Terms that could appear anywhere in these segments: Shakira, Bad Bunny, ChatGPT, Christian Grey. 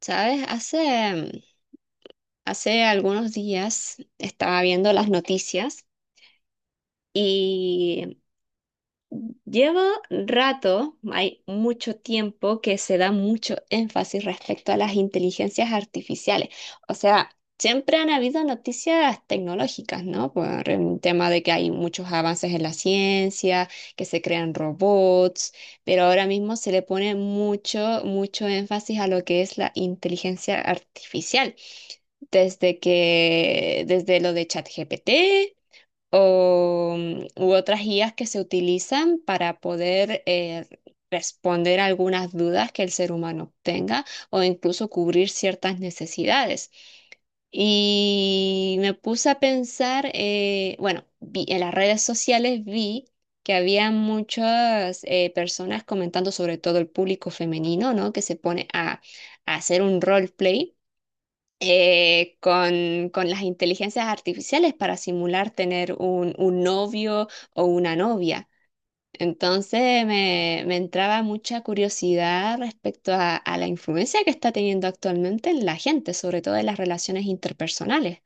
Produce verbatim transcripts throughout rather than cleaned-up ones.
Sabes, hace, hace algunos días estaba viendo las noticias y llevo rato, hay mucho tiempo que se da mucho énfasis respecto a las inteligencias artificiales. O sea, siempre han habido noticias tecnológicas, ¿no? Por el tema de que hay muchos avances en la ciencia, que se crean robots, pero ahora mismo se le pone mucho, mucho énfasis a lo que es la inteligencia artificial. desde que, desde lo de ChatGPT o, mm, u otras guías que se utilizan para poder eh, responder algunas dudas que el ser humano tenga o incluso cubrir ciertas necesidades. Y me puse a pensar, eh, bueno, vi- en las redes sociales vi que había muchas eh, personas comentando sobre todo el público femenino, ¿no? Que se pone a, a hacer un roleplay eh, con, con las inteligencias artificiales para simular tener un, un novio o una novia. Entonces me, me entraba mucha curiosidad respecto a, a la influencia que está teniendo actualmente en la gente, sobre todo en las relaciones interpersonales.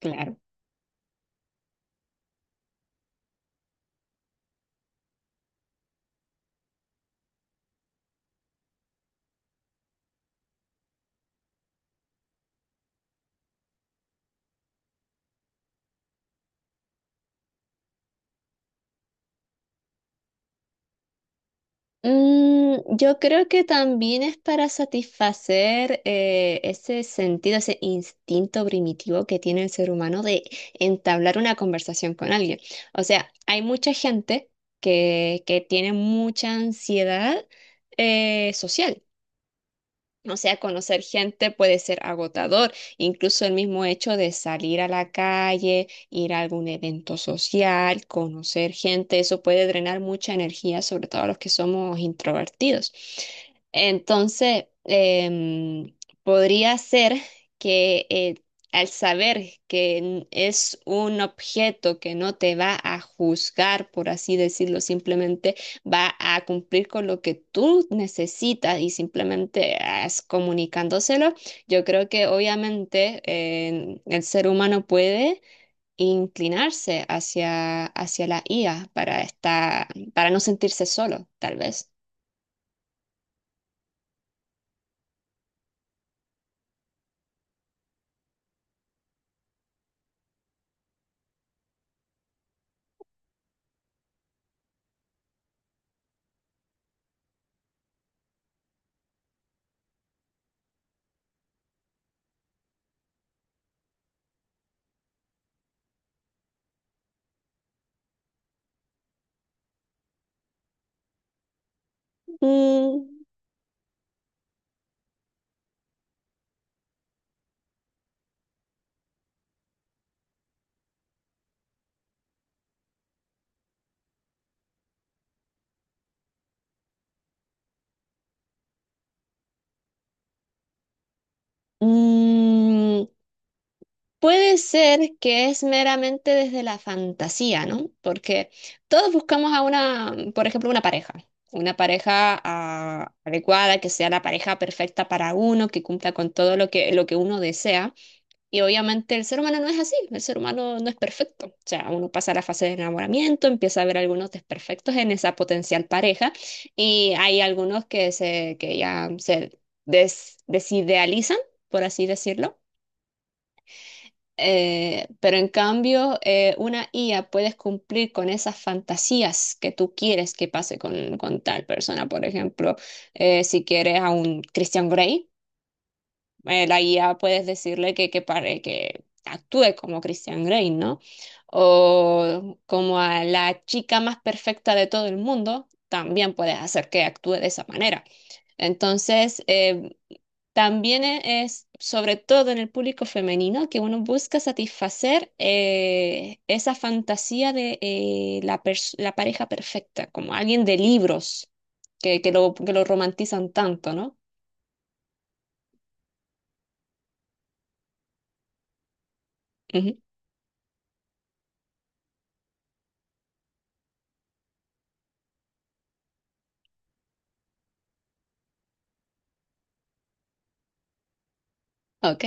Claro. Mm, yo creo que también es para satisfacer eh, ese sentido, ese instinto primitivo que tiene el ser humano de entablar una conversación con alguien. O sea, hay mucha gente que, que tiene mucha ansiedad eh, social. O sea, conocer gente puede ser agotador, incluso el mismo hecho de salir a la calle, ir a algún evento social, conocer gente, eso puede drenar mucha energía, sobre todo a los que somos introvertidos. Entonces, em, podría ser que eh, al saber que n- es un objeto que no te va a juzgar, por así decirlo, simplemente va a cumplir con lo que tú necesitas y simplemente es comunicándoselo. Yo creo que obviamente eh, el ser humano puede inclinarse hacia, hacia la I A para estar, para no sentirse solo, tal vez. Mm, mm, Puede ser que es meramente desde la fantasía, ¿no? Porque todos buscamos a una, por ejemplo, una pareja, una pareja ah, adecuada, que sea la pareja perfecta para uno, que cumpla con todo lo que, lo que uno desea. Y obviamente el ser humano no es así, el ser humano no es perfecto. O sea, uno pasa la fase de enamoramiento, empieza a ver algunos desperfectos en esa potencial pareja y hay algunos que, se, que ya se des- desidealizan, por así decirlo. Eh, pero en cambio, eh, una I A puedes cumplir con esas fantasías que tú quieres que pase con, con tal persona. Por ejemplo, eh, si quieres a un Christian Grey, eh, la I A puedes decirle que, que, pare- que actúe como Christian Grey, ¿no? O como a la chica más perfecta de todo el mundo, también puedes hacer que actúe de esa manera. Entonces, eh, también e- es, sobre todo en el público femenino, que uno busca satisfacer eh, esa fantasía de eh, la, pers- la pareja perfecta, como alguien de libros que, que lo, que lo romantizan tanto, ¿no? Ujú. Ok.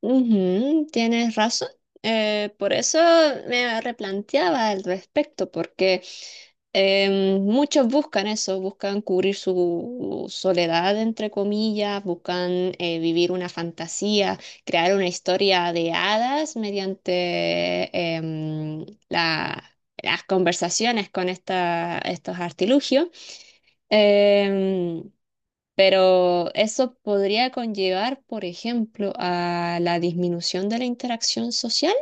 Ujú, tienes razón. Eh, por eso me replanteaba al respecto, porque eh, muchos buscan eso, buscan cubrir su soledad, entre comillas, buscan eh, vivir una fantasía, crear una historia de hadas mediante em, la- las conversaciones con esta, estos artilugios. Em, pero eso podría conllevar, por ejemplo, a la disminución de la interacción social.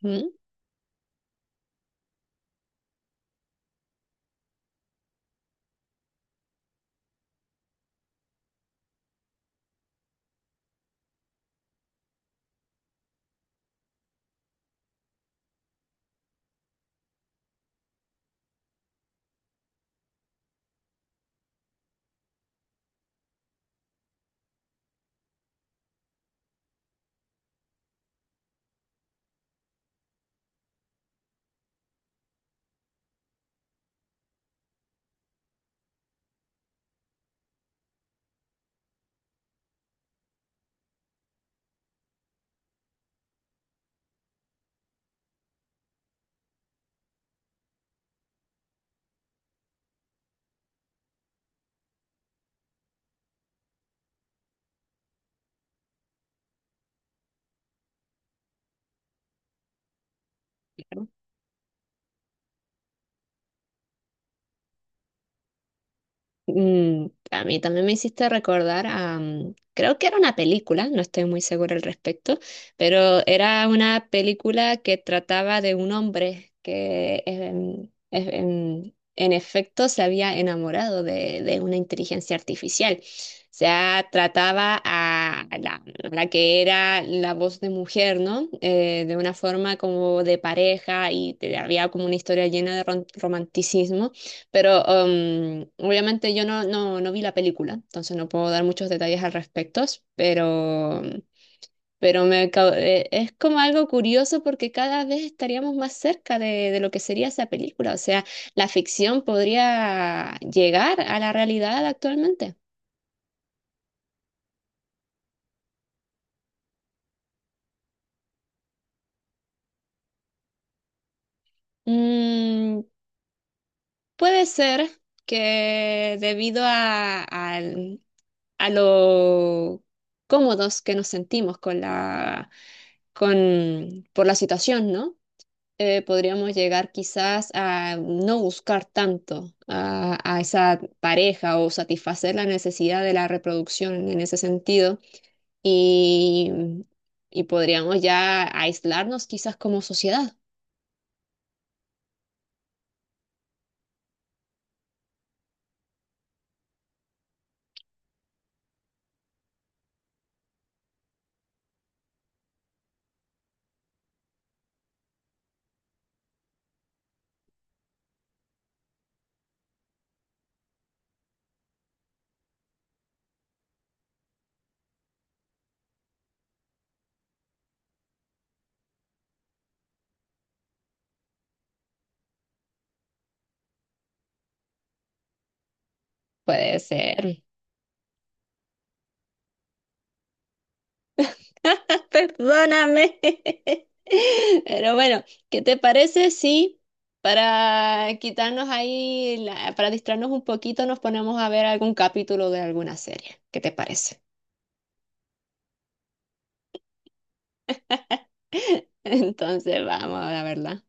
Ujú. Mm, a mí también me hiciste recordar a, mm, creo que era una película, no estoy muy segura al respecto, pero era una película que trataba de un hombre que em, es- em, en, efecto se había enamorado de, de una inteligencia artificial. O sea, trataba a la, a la que era la voz de mujer, ¿no? Eh, de una forma como de pareja y te- había como una historia llena de ron- romanticismo. Pero um, obviamente yo no, no, no vi la película, entonces no puedo dar muchos detalles al respecto, pero, pero me, cau- eh, es como algo curioso porque cada vez estaríamos más cerca de, de lo que sería esa película. O sea, la ficción podría llegar a la realidad actualmente. Mm, puede ser que debido a, al- a lo cómodos que nos sentimos con la, con, por la situación, ¿no? Eh, podríamos llegar quizás a no buscar tanto a, a esa pareja o satisfacer la necesidad de la reproducción en ese sentido y, y podríamos ya aislarnos quizás como sociedad. Puede ser. Perdóname. Pero bueno, ¿qué te parece si para quitarnos ahí, la- para distraernos un poquito, nos ponemos a ver algún capítulo de alguna serie? ¿Qué te parece? Entonces, vamos a verla.